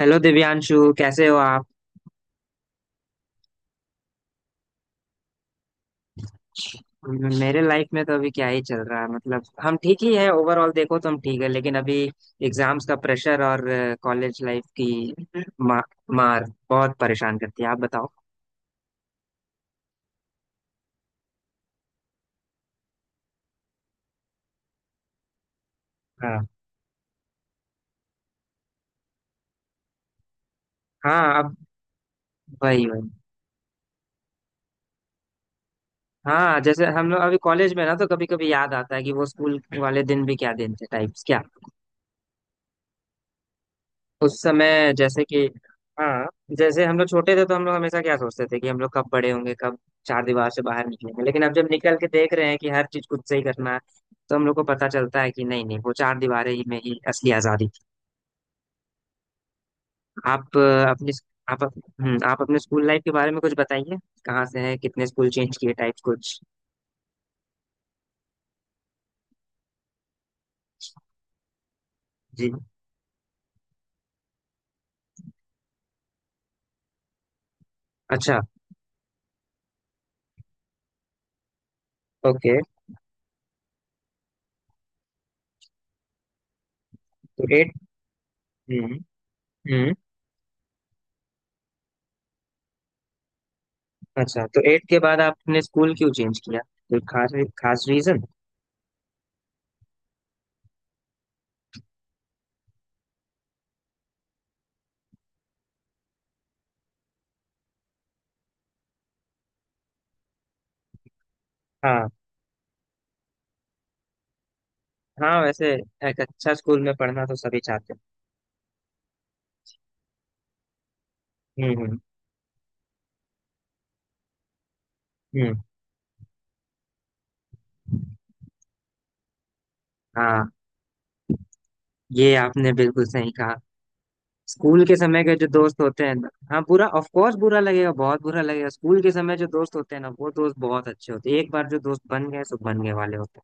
Hello Divyanshu कैसे हो आप। मेरे लाइफ में तो अभी क्या ही चल रहा है, मतलब हम ठीक ही है। ओवरऑल देखो तो हम ठीक है, लेकिन अभी एग्जाम्स का प्रेशर और कॉलेज लाइफ की मा, मार बहुत परेशान करती है। आप बताओ। हाँ। हाँ, अब वही वही। हाँ, जैसे हम लोग अभी कॉलेज में ना, तो कभी कभी याद आता है कि वो स्कूल वाले दिन भी क्या दिन थे टाइप्स क्या। उस समय जैसे कि हाँ, जैसे हम लोग छोटे थे तो हम लोग हमेशा क्या सोचते थे कि हम लोग कब बड़े होंगे, कब चार दीवार से बाहर निकलेंगे। लेकिन अब जब निकल के देख रहे हैं कि हर चीज खुद से ही करना है, तो हम लोग को पता चलता है कि नहीं नहीं, वो चार दीवारें ही में ही असली आजादी थी। आप अ, अपनी आप अप- आप अपने स्कूल लाइफ के बारे में कुछ बताइए। कहाँ से हैं, कितने स्कूल चेंज किए टाइप्स कुछ। जी। अच्छा। ओके। तो एट। हम्म। हम्म। अच्छा, तो एट के बाद आपने स्कूल क्यों चेंज किया, कोई खास खास रीजन। हाँ हाँ। वैसे एक अच्छा स्कूल में पढ़ना तो सभी चाहते हैं। हम्म। हम्म। हम्म। हाँ, ये आपने बिल्कुल सही कहा। स्कूल के समय के जो दोस्त होते हैं हाँ, बुरा, ऑफ कोर्स बुरा लगेगा, बहुत बुरा लगेगा। स्कूल के समय जो दोस्त होते हैं ना, वो दोस्त बहुत अच्छे होते हैं, एक बार जो दोस्त बन गए सो बन गए वाले होते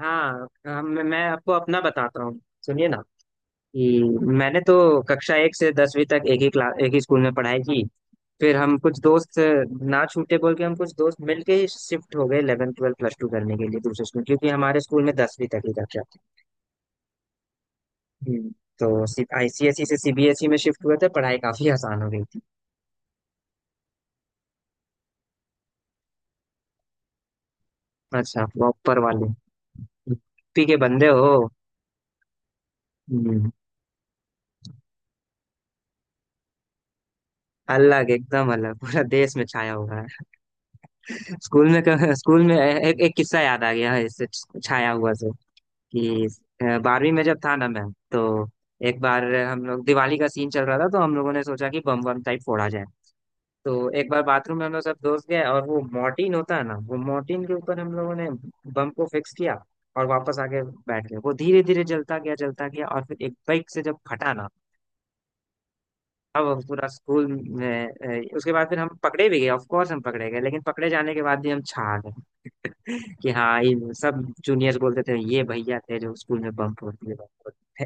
हैं। हाँ, हम मैं आपको अपना बताता हूँ। सुनिए ना कि मैंने तो कक्षा एक से दसवीं तक एक ही क्लास एक ही स्कूल में पढ़ाई की। फिर हम कुछ दोस्त ना छूटे बोल के हम कुछ दोस्त मिलके ही शिफ्ट हो गए 11 ट्वेल्थ प्लस टू करने के लिए दूसरे स्कूल, क्योंकि हमारे स्कूल में दसवीं तक ही कक्षा थी। हम्म। तो आईसीएसई से सीबीएसई में शिफ्ट हुए थे, पढ़ाई काफी आसान हो गई थी। अच्छा, प्रॉपर वाले यूपी के बंदे हो। हम्म। अलग, एकदम अलग, पूरा देश में छाया हुआ है। स्कूल में, स्कूल में एक किस्सा याद आ गया है इससे, छाया हुआ से कि बारहवीं में जब था ना मैं, तो एक बार हम लोग, दिवाली का सीन चल रहा था तो हम लोगों ने सोचा कि बम बम टाइप फोड़ा जाए। तो एक बार बाथरूम में हम लोग सब दोस्त गए, और वो मॉर्टिन होता है ना, वो मॉर्टिन के ऊपर हम लोगों ने बम को फिक्स किया, और वापस आके बैठ गए। वो धीरे धीरे जलता गया जलता गया, और फिर एक बाइक से जब फटा ना, अब हम पूरा स्कूल में उसके बाद फिर हम पकड़े भी गए, ऑफ कोर्स हम पकड़े गए, लेकिन पकड़े जाने के बाद भी हम छा गए। कि हाँ, ये सब जूनियर्स बोलते थे, ये भैया थे जो स्कूल में बम फोड़ते थे।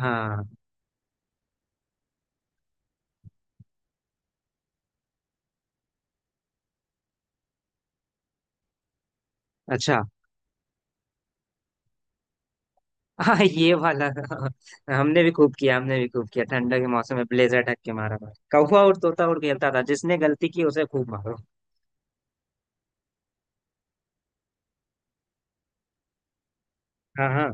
हाँ। अच्छा। हाँ, ये वाला हमने भी खूब किया, हमने भी खूब किया। ठंडा के मौसम में ब्लेजर ढक के मारा मार कौवा और तोता और खेलता था, जिसने गलती की उसे खूब मारो। हाँ हाँ।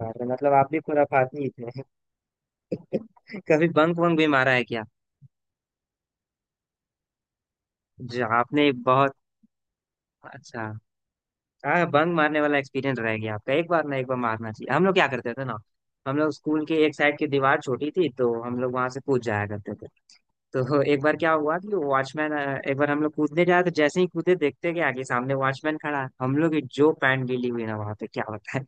बाप रे, मतलब आप भी खुराफाती ही थे। कभी बंक वंक भी मारा है क्या। जी, आपने बहुत अच्छा। हाँ, बंक मारने वाला एक्सपीरियंस रह गया आपका, एक बार ना एक बार मारना चाहिए। हम लोग क्या करते थे ना, हम लोग स्कूल के एक साइड की दीवार छोटी थी तो हम लोग वहां से कूद जाया करते थे। तो एक बार क्या हुआ कि वॉचमैन, एक बार हम लोग कूदने जाए तो जैसे ही कूदे देखते कि आगे सामने वॉचमैन खड़ा है। हम लोग की जो पैंट गीली हुई ना वहां पे क्या होता है।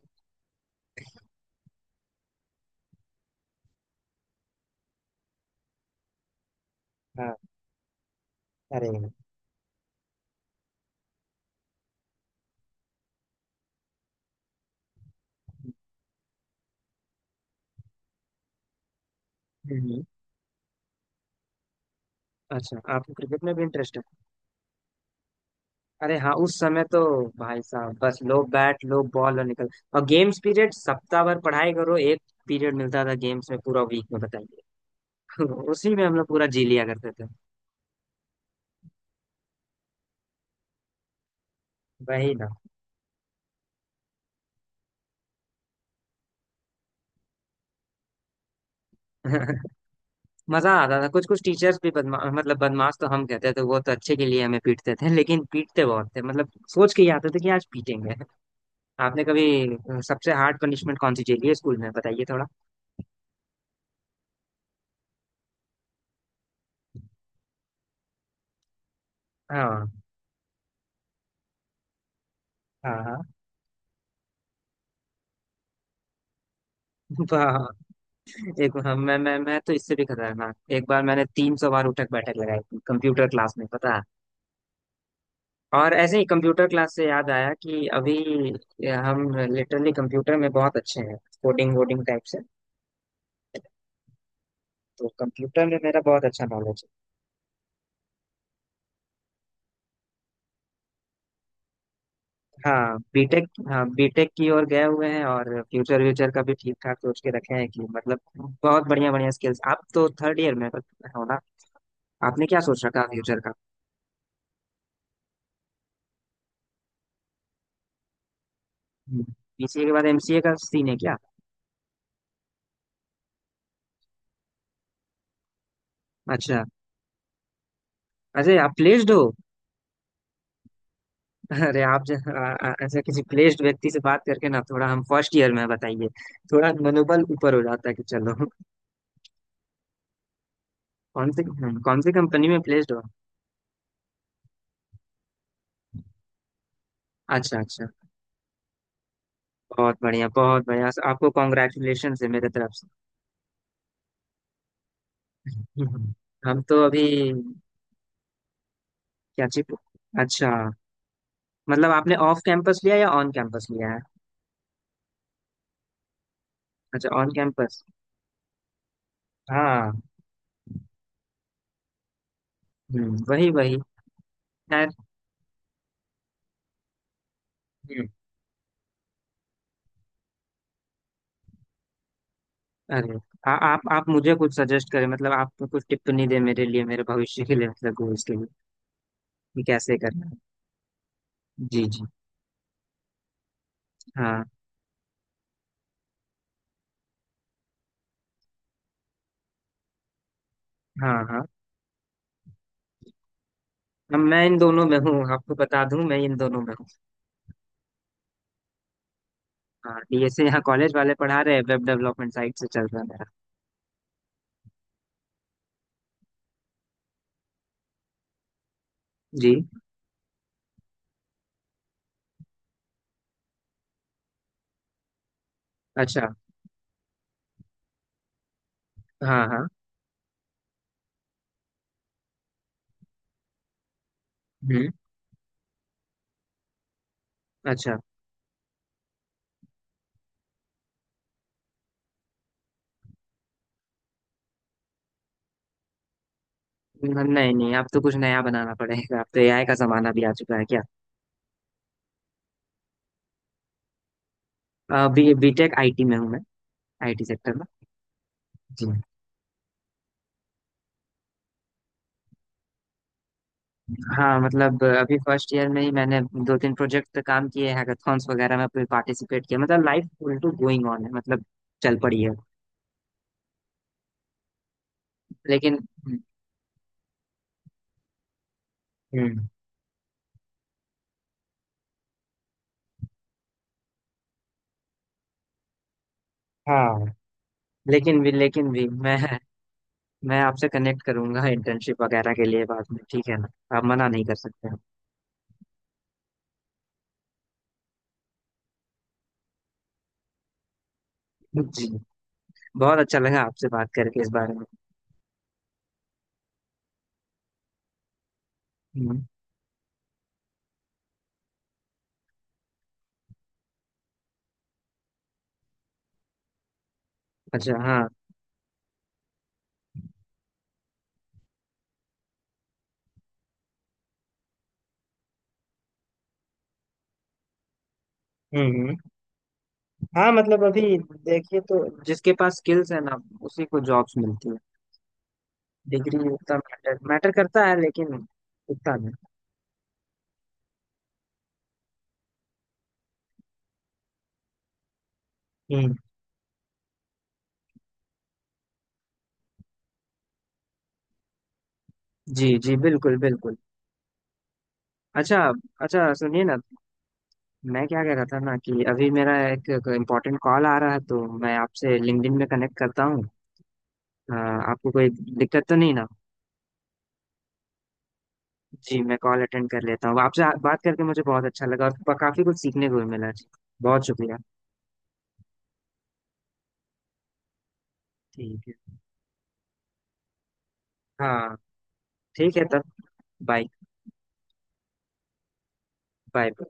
हाँ। अरे। हम्म। अच्छा, आपको क्रिकेट में भी इंटरेस्ट है। अरे हाँ, उस समय तो भाई साहब, बस लो बैट लो बॉल और निकल। और गेम्स पीरियड, सप्ताह भर पढ़ाई करो, एक पीरियड मिलता था गेम्स में पूरा वीक में, बताइए। उसी में हम लोग पूरा जी लिया करते थे। वही ना। मजा आता था, कुछ कुछ टीचर्स भी बदमा मतलब बदमाश, तो हम कहते थे वो तो अच्छे के लिए हमें पीटते थे, लेकिन पीटते बहुत थे, मतलब सोच के ही आते थे कि आज पीटेंगे। आपने कभी सबसे हार्ड पनिशमेंट कौन सी झेली है स्कूल में, बताइए थोड़ा। हाँ हाँ हाँ। वाह। एक हम मैं तो इससे भी खतरनाक, एक बार मैंने 300 बार उठक बैठक लगाई थी कंप्यूटर क्लास में, पता है। और ऐसे ही कंप्यूटर क्लास से याद आया कि अभी हम लिटरली कंप्यूटर में बहुत अच्छे हैं, कोडिंग वोडिंग टाइप से। तो कंप्यूटर में मेरा बहुत अच्छा नॉलेज। हाँ, बीटेक। हाँ, बीटेक की ओर गए हुए हैं, और फ्यूचर व्यूचर का भी ठीक ठाक सोच के रखे हैं कि, मतलब बहुत बढ़िया बढ़िया स्किल्स। आप तो थर्ड ईयर में हो ना। आपने क्या सोच रखा फ्यूचर का। बीसीए के बाद एमसीए का सीन है क्या। अच्छा। अरे, आप प्लेस्ड हो। अरे आप ऐसे किसी प्लेस्ड व्यक्ति से बात करके ना थोड़ा, हम फर्स्ट ईयर में हैं, बताइए, थोड़ा मनोबल ऊपर हो जाता है कि चलो। कौन सी, कौन सी कंपनी में प्लेस्ड हो। अच्छा अच्छा। बहुत बढ़िया बहुत बढ़िया, आपको कॉन्ग्रेचुलेशन है मेरे तरफ से। हम्म। हम तो अभी क्या चीज। अच्छा, मतलब आपने ऑफ कैंपस लिया या ऑन कैंपस लिया है। अच्छा, ऑन कैंपस। हाँ। वही वही। खैर। हम्म। अरे, आप मुझे कुछ सजेस्ट करें, मतलब आप कुछ टिप्पणी दें मेरे लिए, मेरे भविष्य के लिए, मतलब गोल्स के लिए, कि कैसे करना है। जी जी। हाँ हाँ हाँ। अब मैं इन दोनों में हूँ, आपको बता दूं, मैं इन दोनों में हूँ। हाँ, ये से यहाँ कॉलेज वाले पढ़ा रहे हैं, वेब डेवलपमेंट साइट से चल रहा है मेरा। जी। अच्छा। हाँ हाँ। हम्म। अच्छा। नहीं नहीं, अब तो कुछ नया बनाना पड़ेगा, अब तो एआई का जमाना भी आ चुका है क्या। अभी बीटेक आईटी में हूँ मैं, आईटी सेक्टर में। जी। हाँ, मतलब अभी फर्स्ट ईयर में ही मैंने दो तीन प्रोजेक्ट पे काम किए, हैकाथॉन्स वगैरह में पार्टिसिपेट किया, मतलब life full to going on है, मतलब चल पड़ी है। लेकिन। हम्म। हाँ। लेकिन भी मैं आपसे कनेक्ट करूंगा इंटर्नशिप वगैरह के लिए बाद में, ठीक है ना, आप मना नहीं कर सकते हैं। जी, बहुत अच्छा लगा आपसे बात करके इस बारे में। हम्म। अच्छा। हाँ। हम्म। हम्म। हाँ, मतलब अभी देखिए, तो जिसके पास स्किल्स है ना उसी को जॉब्स मिलती है, डिग्री उतना मैटर मैटर करता है, लेकिन उतना नहीं। हम्म। जी जी, बिल्कुल बिल्कुल। अच्छा। अच्छा सुनिए ना, मैं क्या कह रहा था ना कि अभी मेरा एक इम्पोर्टेंट कॉल आ रहा है, तो मैं आपसे लिंक्डइन में कनेक्ट करता हूँ। आपको कोई दिक्कत तो नहीं ना। जी, मैं कॉल अटेंड कर लेता हूँ, आपसे बात करके मुझे बहुत अच्छा लगा, और काफी कुछ सीखने को भी मिला जी। बहुत शुक्रिया। ठीक है। हाँ। ठीक है तब। बाय। बाय।